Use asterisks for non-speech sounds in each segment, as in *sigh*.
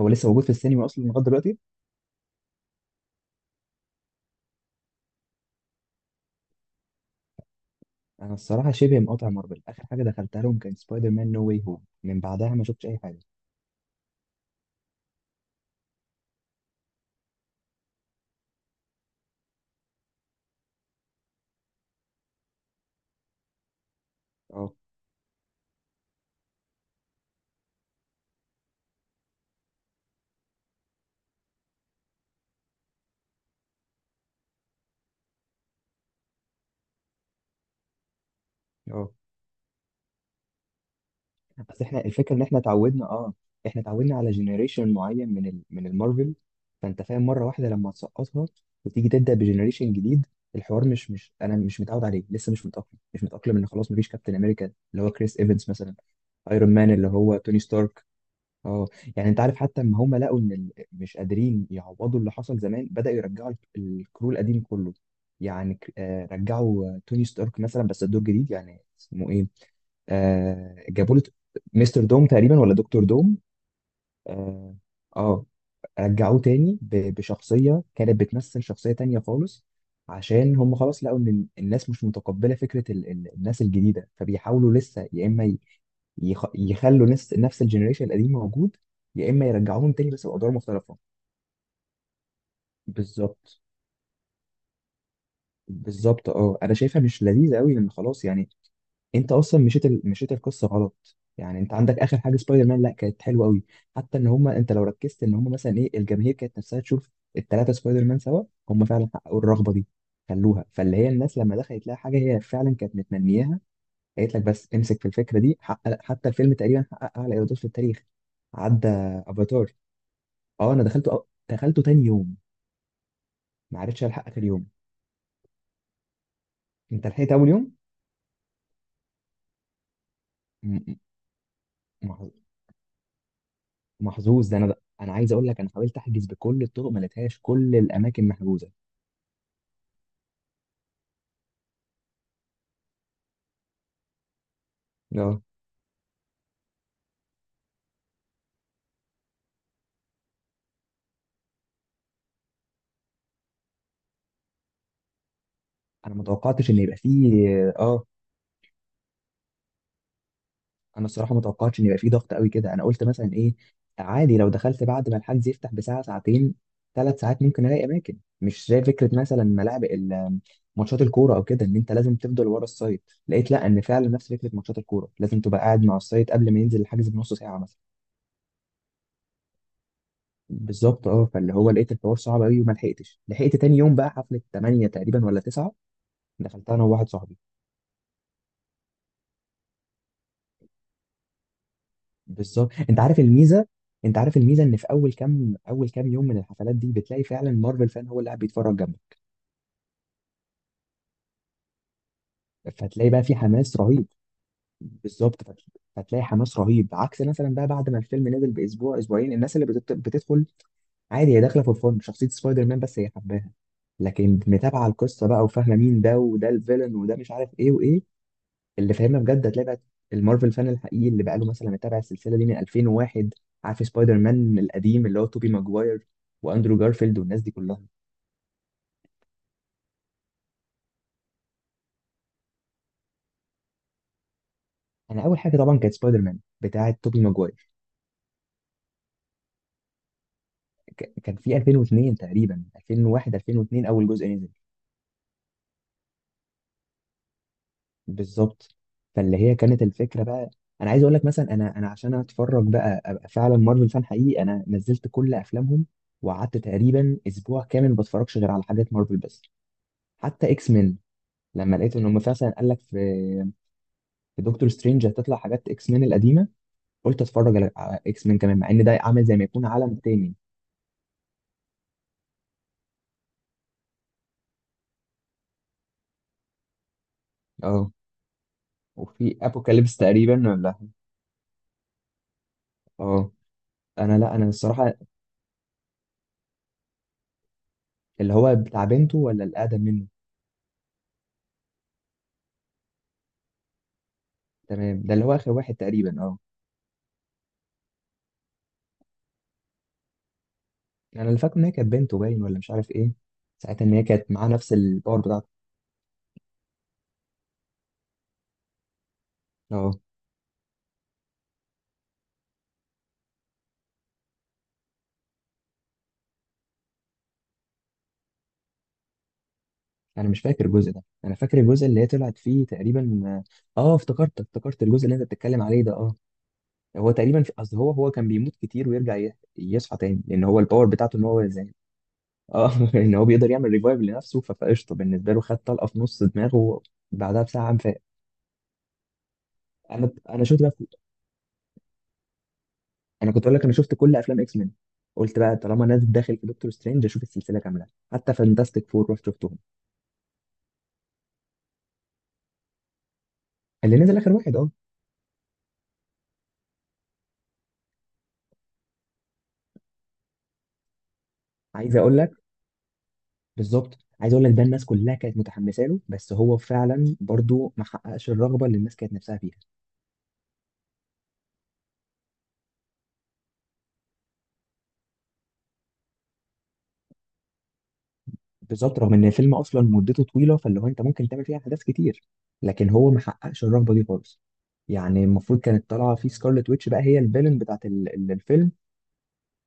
هو لسه موجود في السينما اصلا لغايه دلوقتي؟ انا الصراحه شبه مقاطع مارفل، اخر حاجه دخلتها لهم كان سبايدر مان نو واي هوم، من بعدها ما شفتش اي حاجه. اه، اه. بس احنا الفكره ان احنا اتعودنا، احنا اتعودنا على جنريشن معين من المارفل. فانت فاهم، مره واحده لما تسقطها وتيجي تبدا بجنريشن جديد، الحوار مش انا مش متعود عليه، لسه مش متاقلم، ان خلاص مفيش كابتن امريكا اللي هو كريس ايفنز مثلا. ايرون مان اللي هو توني ستارك. اه. يعني انت عارف، حتى اما هم لقوا ان مش قادرين يعوضوا اللي حصل زمان، بدأوا يرجعوا الكرو القديم كله. يعني رجعوا، توني ستارك مثلا، بس الدور جديد. يعني اسمه ايه؟ جابوا له مستر دوم تقريبا، ولا دكتور دوم. اه، آه، رجعوه تاني بشخصية كانت بتمثل شخصية تانية خالص. عشان هم خلاص لقوا ان الناس مش متقبلة فكرة الناس الجديدة، فبيحاولوا لسه، يا اما يخلوا نفس الجنريشن القديم موجود، يا اما يرجعوهم تاني بس بأدوار مختلفة. بالظبط. بالظبط، اه، انا شايفها مش لذيذه قوي، لان خلاص يعني انت اصلا مشيت القصه غلط. يعني انت عندك اخر حاجه سبايدر مان، لا، كانت حلوه قوي. حتى ان هم، انت لو ركزت، ان هم مثلا ايه، الجماهير كانت نفسها تشوف الثلاثه سبايدر مان سوا، هم فعلا حققوا الرغبه دي، خلوها فاللي هي الناس لما دخلت لها حاجه هي فعلا كانت متمنياها. قالت لك بس امسك في الفكره دي، حقق، حتى الفيلم تقريبا حقق اعلى ايرادات في التاريخ، عدى افاتار. اه، انا دخلته تاني يوم، ما عرفتش الحق في اليوم. انت لحقت اول يوم. م- م- محظوظ ده انا. انا عايز اقول لك، انا حاولت احجز بكل الطرق، ما لقيتهاش، كل الاماكن محجوزه. اه، انا ما توقعتش ان يبقى فيه، انا الصراحه ما توقعتش ان يبقى فيه ضغط قوي كده. انا قلت مثلا ايه، عادي لو دخلت بعد ما الحجز يفتح بساعه، ساعتين، ثلاث ساعات، ممكن الاقي اماكن. مش زي فكره مثلا ملاعب ماتشات الكوره او كده، ان انت لازم تفضل ورا السايت. لقيت لا، ان فعلا نفس فكره ماتشات الكوره، لازم تبقى قاعد مع السايت قبل ما ينزل الحجز بنص ساعه مثلا. بالظبط، اه، فاللي هو لقيت الحوار صعب قوي وما لحقتش، لحقت تاني يوم بقى حفله 8 تقريبا ولا 9. دخلتها انا وواحد صاحبي. بالظبط. انت عارف الميزه، ان في اول كام يوم من الحفلات دي بتلاقي فعلا مارفل فان هو اللي قاعد بيتفرج جنبك. فهتلاقي بقى في حماس رهيب. بالظبط، فتلاقي حماس رهيب، عكس مثلا بقى بعد ما الفيلم نزل باسبوع، اسبوعين، الناس اللي بتدخل عادي، هي داخله فور فن شخصيه سبايدر مان بس، هي حباها. لكن متابعه القصه بقى، وفاهمه مين ده، وده الفيلن، وده مش عارف ايه وايه، اللي فاهمها بجد، هتلاقي بقى المارفل فان الحقيقي اللي بقاله مثلا متابع السلسله دي من 2001، عارف سبايدر مان القديم اللي هو توبي ماجواير واندرو جارفيلد والناس دي كلها. انا اول حاجه طبعا كانت سبايدر مان بتاعه توبي ماجواير. كان في 2002 تقريبا، 2001 2002، اول جزء نزل. بالظبط، فاللي هي كانت الفكره بقى. انا عايز اقول لك مثلا، انا عشان اتفرج بقى، ابقى فعلا مارفل فان حقيقي، انا نزلت كل افلامهم، وقعدت تقريبا اسبوع كامل ما بتفرجش غير على حاجات مارفل بس. حتى اكس مان، لما لقيت ان هم مثلا قال لك في دكتور سترينج هتطلع حاجات اكس مان القديمه، قلت اتفرج على اكس مان كمان، مع ان ده عامل زي ما يكون عالم تاني. اه. وفي ابوكاليبس تقريبا ولا؟ اه. انا، لا، انا الصراحه، اللي هو بتاع بنته ولا الاقدم منه؟ تمام، ده اللي هو اخر واحد تقريبا، اه. انا اللي فاكر ان هي كانت بنته باين، ولا مش عارف ايه ساعتها، ان هي كانت معاه نفس الباور بتاعته. اه. انا مش فاكر الجزء ده، انا فاكر الجزء اللي هي طلعت فيه تقريبا. اه، افتكرت الجزء اللي انت بتتكلم عليه ده، اه. هو تقريبا في اصل، هو كان بيموت كتير ويرجع يصحى تاني، لان هو الباور بتاعته ان هو زي، اه، *laughs* ان هو بيقدر يعمل ريفايف لنفسه، فقشطه بالنسبه له، خد طلقه في نص دماغه بعدها بساعه قام فاق. انا شفت انا كنت اقول لك، انا شفت كل افلام اكس مان، قلت بقى طالما نازل داخل في دكتور سترينج اشوف السلسله كامله، حتى فانتاستيك فور رحت شفتهم. اللي نزل اخر واحد، اه. عايز اقول لك، بالظبط، عايز اقول لك، ده الناس كلها كانت متحمسه له، بس هو فعلا برضو ما حققش الرغبه اللي الناس كانت نفسها فيها. بالظبط، رغم ان الفيلم اصلا مدته طويله، فاللي هو انت ممكن تعمل فيها احداث كتير، لكن هو ما حققش الرهبه دي خالص. يعني المفروض كانت طالعه في سكارلت ويتش بقى، هي الفيلن بتاعت الفيلم.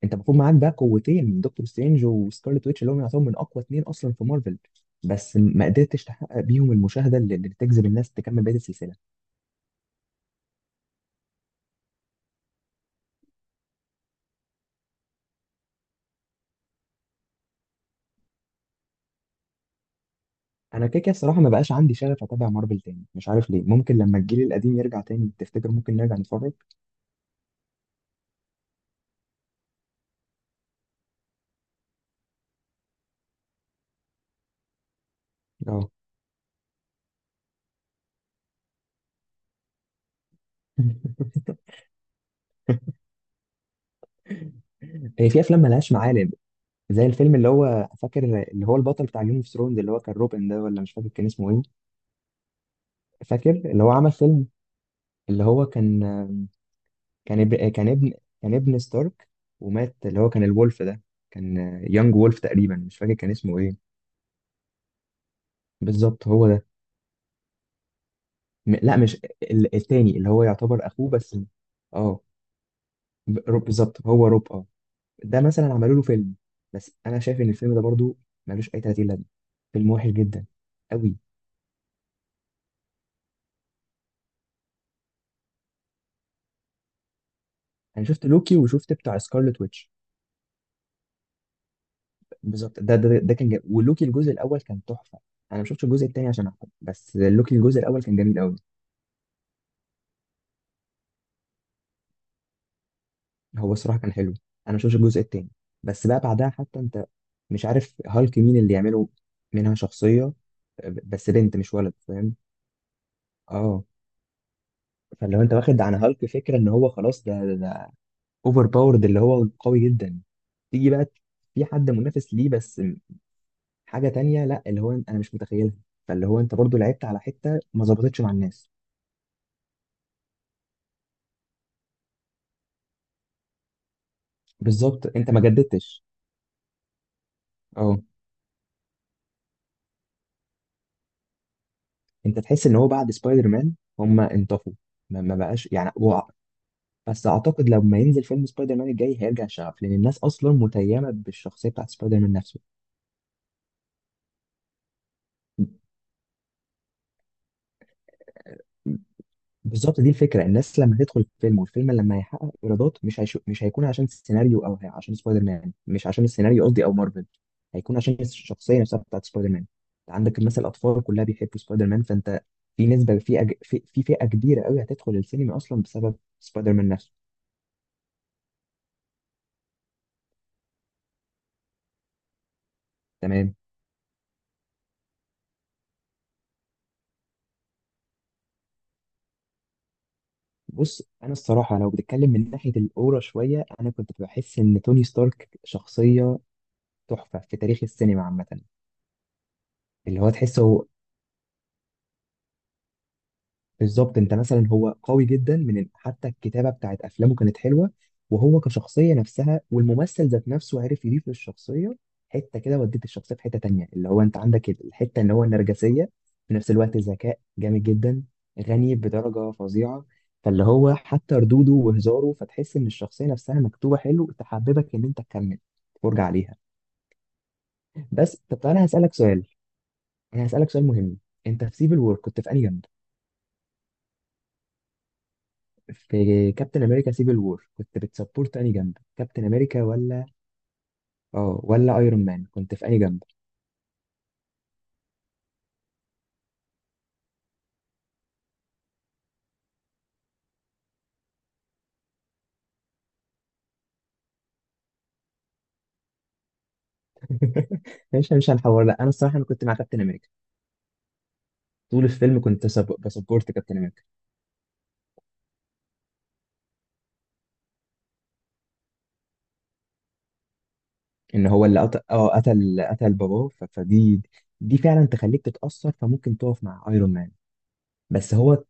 انت المفروض معاك بقى قوتين، دكتور سترينج وسكارلت ويتش، اللي هم يعتبروا من اقوى اتنين اصلا في مارفل، بس ما قدرتش تحقق بيهم المشاهده اللي تجذب الناس تكمل بقيه السلسله. انا كده كده الصراحه ما بقاش عندي شغف اتابع مارفل تاني، مش عارف ليه. ممكن لما الجيل القديم يرجع تاني، تفتكر ممكن نرجع نتفرج؟ اه. *laughs* هي في افلام ملهاش معالم، زي الفيلم اللي هو فاكر، اللي هو البطل بتاع جيم اوف ثرونز، اللي هو كان روبن ده ولا مش فاكر كان اسمه ايه. فاكر اللي هو عمل فيلم، اللي هو كان، كان اب- كان ابن كان ابن ستارك، ومات، اللي هو كان الولف ده، كان، يانج وولف تقريبا، مش فاكر كان اسمه ايه. بالظبط هو ده. لا، مش التاني اللي هو يعتبر اخوه بس. اه، روب، بالظبط، هو روب، اه. ده مثلا عملوا له فيلم، بس انا شايف ان الفيلم ده برضو ملوش اي 30 لازمه، فيلم وحش جدا قوي. انا شفت لوكي وشفت بتاع سكارلت ويتش. بالظبط، ده كان جميل، ولوكي الجزء الاول كان تحفه. انا ما شفتش الجزء الثاني عشان احكم، بس لوكي الجزء الاول كان جميل قوي. هو الصراحه كان حلو، انا ما شفتش الجزء الثاني. بس بقى بعدها، حتى انت مش عارف هالك مين اللي يعمله، منها شخصيه بس بنت مش ولد، فاهم؟ اه. فلو انت واخد عن هالك فكره ان هو خلاص ده اوفر باورد اللي هو قوي جدا، تيجي بقى في حد منافس ليه، بس حاجه تانية، لا، اللي هو انا مش متخيلها. فاللي هو انت برضو لعبت على حته ما ظبطتش مع الناس. بالظبط، انت ما جددتش. اه. انت تحس ان هو بعد سبايدر مان هم انطفوا، ما بقاش يعني هو. بس اعتقد لما ينزل فيلم سبايدر مان الجاي هيرجع شغف، لان الناس اصلا متيمه بالشخصيه بتاعت سبايدر مان نفسه. بالظبط، دي الفكره. الناس لما تدخل الفيلم، والفيلم لما هيحقق ايرادات، مش هيكون عشان السيناريو، او عشان سبايدر مان، مش عشان السيناريو قصدي، او مارفل. هيكون عشان الشخصيه نفسها بتاعت سبايدر مان. انت عندك مثلا الاطفال كلها بيحبوا سبايدر مان، فانت في نسبه، في فئه كبيره قوي هتدخل السينما اصلا بسبب سبايدر مان نفسه. تمام. بص، انا الصراحه لو بتتكلم من ناحيه الاورا شويه، انا كنت بحس ان توني ستارك شخصيه تحفه في تاريخ السينما عامه. اللي هو تحسه، بالظبط. انت مثلا، هو قوي جدا، من حتى الكتابه بتاعت افلامه كانت حلوه، وهو كشخصيه نفسها، والممثل ذات نفسه عرف يضيف للشخصيه حته كده، وديت الشخصيه في حته تانية، اللي هو انت عندك الحته ان هو النرجسيه، في نفس الوقت ذكاء جامد جدا، غني بدرجه فظيعه، فاللي هو حتى ردوده وهزاره، فتحس ان الشخصيه نفسها مكتوبه حلو، تحببك ان انت تكمل تتفرج عليها. بس طب انا هسالك سؤال، انا هسالك سؤال مهم. انت في سيفل وور كنت في انهي جنب؟ في كابتن امريكا سيفل وور، كنت بتسبورت انهي جنب؟ كابتن امريكا ولا، اه، ولا ايرون مان؟ كنت في انهي جنب؟ *laughs* مش هنحور، لا، انا الصراحه انا كنت مع كابتن امريكا. طول الفيلم كنت بسبورت كابتن امريكا. ان هو اللي قتل، قتل باباه، فدي، دي فعلا تخليك تتاثر، فممكن تقف مع ايرون مان. بس هو،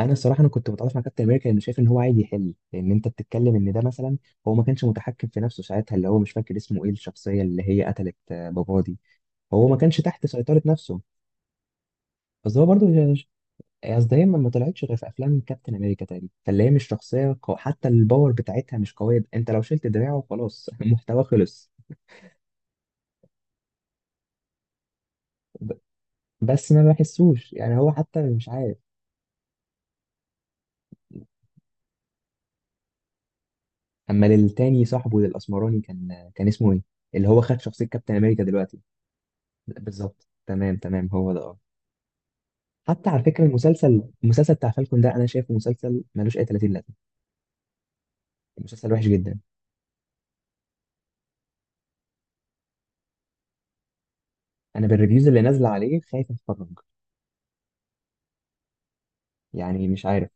انا الصراحه انا كنت متعاطف مع كابتن امريكا، لانه شايف ان هو عايز يحل، لان انت بتتكلم ان ده مثلا هو ما كانش متحكم في نفسه ساعتها، اللي هو مش فاكر اسمه ايه الشخصيه اللي هي قتلت باباه دي. هو ما كانش تحت سيطرة نفسه. بس هو برضه اصل دايما ما طلعتش غير في افلام كابتن امريكا تقريبا، فاللي هي مش شخصيه حتى الباور بتاعتها مش قويه. انت لو شلت دراعه خلاص *laughs* المحتوى خلص. ب... بس ما بحسوش، يعني هو حتى مش عارف. اما للتاني، صاحبه للاسمراني، كان اسمه ايه؟ اللي هو خد شخصيه كابتن امريكا دلوقتي. بالظبط، تمام تمام، هو ده، اه. حتى على فكره المسلسل بتاع فالكون ده انا شايفه مسلسل ملوش اي 30 لازمه. المسلسل وحش جدا. انا بالريفيوز اللي نازله عليه خايف اتفرج. يعني مش عارف.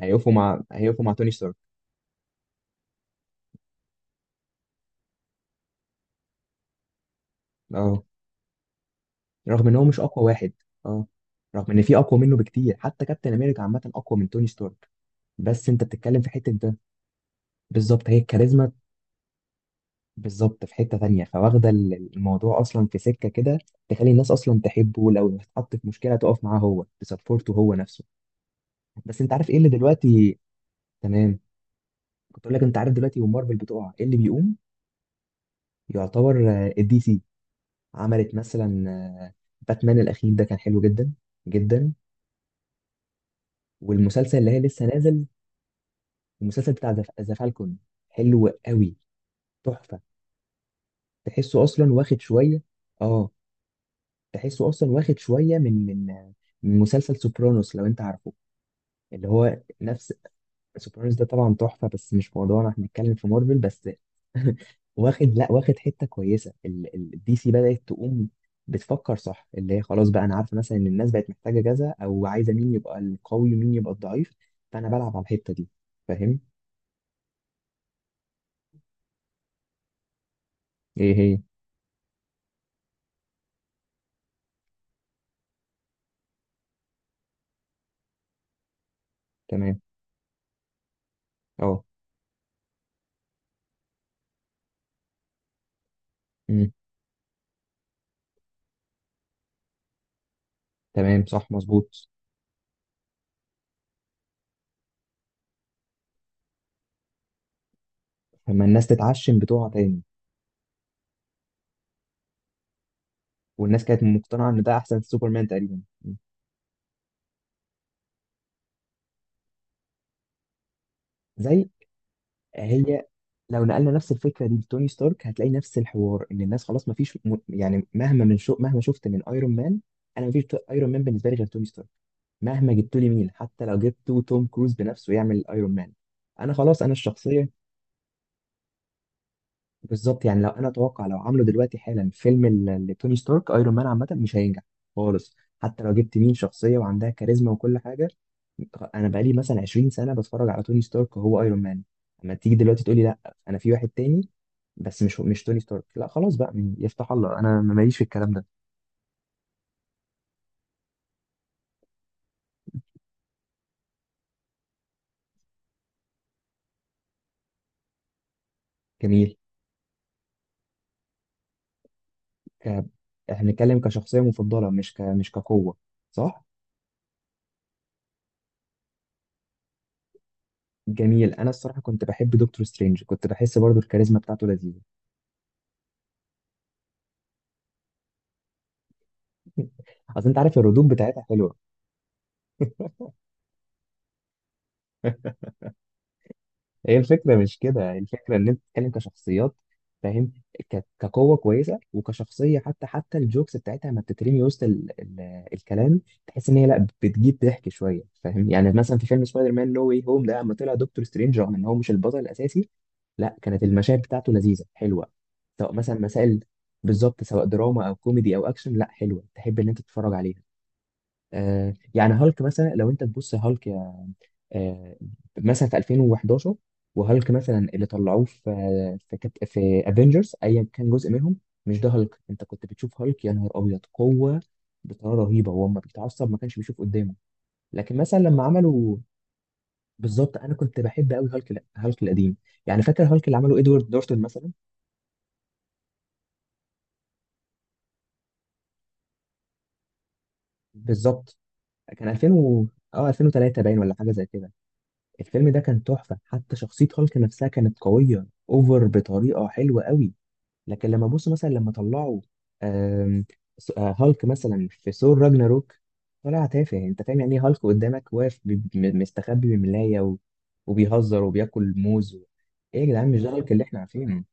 هيقفوا مع توني ستارك. اه، رغم ان هو مش اقوى واحد. اه، رغم ان في اقوى منه بكتير، حتى كابتن امريكا عامه اقوى من توني ستارك. بس انت بتتكلم في حته ده. بالظبط، هي الكاريزما. بالظبط، في حته تانية، فواخده الموضوع اصلا في سكه كده تخلي الناس اصلا تحبه، لو اتحط في مشكله تقف معاه، هو تسبورته هو نفسه. بس انت عارف ايه اللي دلوقتي. تمام. كنت اقول لك، انت عارف دلوقتي ومارفل بتقع، ايه اللي بيقوم؟ يعتبر الدي سي. عملت مثلا باتمان الاخير ده كان حلو جدا جدا. والمسلسل اللي هي لسه نازل، المسلسل بتاع ذا فالكون، حلو قوي، تحفه. تحسه اصلا واخد شويه. اه. تحسه اصلا واخد شويه من مسلسل سوبرانوس، لو انت عارفه. اللي هو نفس. سوبرانوس ده طبعا تحفه، بس مش موضوعنا، احنا بنتكلم في مارفل بس. *laughs* واخد، لا، واخد حته كويسه. الدي سي بدات تقوم، بتفكر صح، اللي هي خلاص بقى انا عارفه مثلا ان الناس بقت محتاجه كذا، او عايزه مين يبقى القوي ومين يبقى الضعيف، فانا بلعب على الحته دي. فاهم. ايه هي؟ تمام. اه. مم. تمام، صح، مظبوط. لما الناس تتعشم بتوعها تاني. والناس كانت مقتنعه ان ده احسن سوبرمان تقريبا. مم. زي، هي، لو نقلنا نفس الفكره دي لتوني ستارك هتلاقي نفس الحوار، ان الناس خلاص ما فيش يعني مهما من مهما شفت من ايرون مان، انا ما فيش ايرون مان بالنسبه لي غير توني ستارك. مهما جبت لي مين، حتى لو جبت توم كروز بنفسه يعمل ايرون مان، انا خلاص، انا الشخصيه. بالظبط، يعني لو انا اتوقع لو عملوا دلوقتي حالا فيلم لتوني ستارك، ايرون مان عامه مش هينجح خالص. حتى لو جبت مين شخصيه وعندها كاريزما وكل حاجه، انا بقالي مثلا 20 سنه بتفرج على توني ستارك وهو ايرون مان. اما تيجي دلوقتي تقولي لا، انا في واحد تاني، بس مش توني ستارك، لا خلاص بقى، يفتح الله، انا ماليش في الكلام ده. جميل. ك... احنا بنتكلم كشخصيه مفضله، مش مش كقوه. صح. جميل. انا الصراحه كنت بحب دكتور سترينج، كنت بحس برضو الكاريزما بتاعته لذيذه. اصل انت عارف الردود بتاعتها حلوه. هي الفكرة مش كده، الفكرة ان انت بتتكلم كشخصيات. فاهم. كقوة كويسة وكشخصية، حتى الجوكس بتاعتها لما بتترمي وسط الكلام، تحس ان هي لا بتجيب ضحك شوية. فاهم؟ يعني مثلا في فيلم سبايدر مان نو واي هوم ده، لما طلع دكتور سترينج رغم ان هو مش البطل الاساسي، لا، كانت المشاهد بتاعته لذيذة حلوة. سواء مثلا مسائل، بالظبط، سواء دراما او كوميدي او اكشن، لا، حلوة تحب ان انت تتفرج عليها. آه، يعني هالك مثلا، لو انت تبص هالك آه، مثلا في 2011، وهالك مثلا اللي طلعوه في افنجرز ايا كان جزء منهم، مش ده هالك. انت كنت بتشوف هالك، يا نهار ابيض قوه، بطريقه رهيبه، هو لما بيتعصب ما كانش بيشوف قدامه. لكن مثلا لما عملوا، بالظبط، انا كنت بحب قوي هالك، لا، هالك القديم. يعني فاكر هالك اللي عمله ادوارد نورتون مثلا؟ بالظبط. كان 2000 اه 2003 باين، ولا حاجه زي كده. الفيلم ده كان تحفه، حتى شخصيه هالك نفسها كانت قويه اوفر بطريقه حلوه قوي. لكن لما ابص مثلا لما طلعوا آم، س- آه، هالك مثلا في ثور راجناروك، طلع تافه. يعني انت فاهم يعني ايه هالك قدامك واقف مستخبي بملاية وبيهزر وبياكل موز ايه يا جدعان، مش ده هالك اللي احنا عارفينه.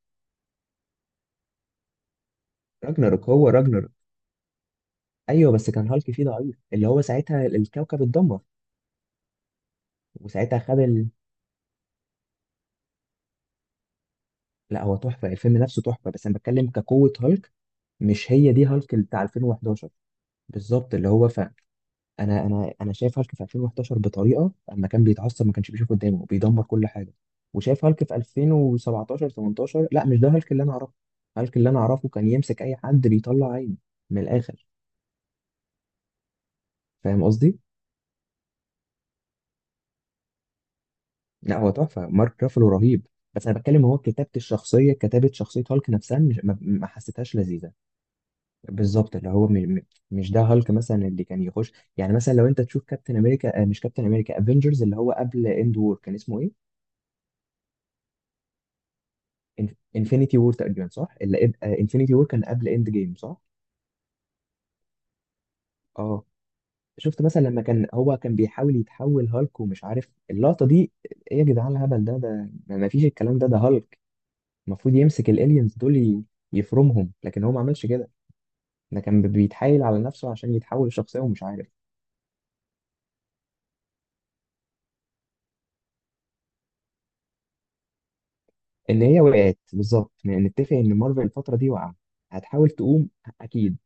راجناروك هو راجناروك. ايوه، بس كان هالك فيه ضعيف، اللي هو ساعتها الكوكب اتدمر وساعتها خد لا، هو تحفة، الفيلم نفسه تحفة، بس انا بتكلم كقوة هالك. مش هي دي هالك اللي بتاع 2011. بالظبط، اللي هو انا شايف هالك في 2011 بطريقه، اما كان بيتعصب ما كانش بيشوف قدامه، بيدمر كل حاجه. وشايف هالك في 2017 18، لا، مش ده هالك اللي انا اعرفه. هالك اللي انا اعرفه كان يمسك اي حد بيطلع عينه. من الاخر. فاهم قصدي. لا، هو تحفه، مارك رافلو رهيب، بس انا بتكلم هو كتابه الشخصيه، كتابه شخصيه هالك نفسها مش ما حسيتهاش لذيذه. بالظبط، اللي هو مش ده هالك مثلا اللي كان يخش، يعني مثلا لو انت تشوف كابتن امريكا، مش كابتن امريكا، افنجرز اللي هو قبل اند وور كان اسمه ايه؟ انفينيتي وور تقريبا، صح؟ اللي انفينيتي وور كان قبل اند جيم، صح؟ اه. شفت مثلا لما هو كان بيحاول يتحول هالك ومش عارف اللقطة دي، ايه يا جدعان الهبل ده ما فيش الكلام ده ده هالك. المفروض يمسك الالينز دول يفرمهم، لكن هو ما عملش كده. ده كان بيتحايل على نفسه عشان يتحول لشخصية ومش عارف. ان هي وقعت، بالظبط، نتفق ان مارفل الفترة دي وقع، هتحاول تقوم اكيد.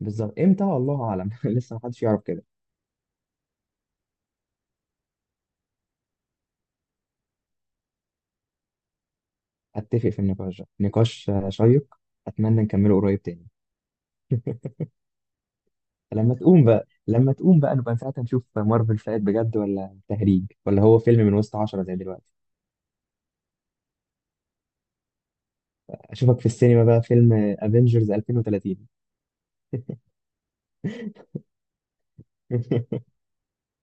بالظبط، امتى؟ الله اعلم. *laughs* لسه محدش يعرف كده. اتفق، في النقاش ده، نقاش شيق، اتمنى نكمله قريب تاني. لما تقوم بقى، لما تقوم بقى، نبقى ساعتها نشوف مارفل فات بجد ولا تهريج، ولا هو فيلم من وسط عشرة زي دلوقتي. اشوفك في السينما بقى، فيلم افنجرز 2030. *laughs*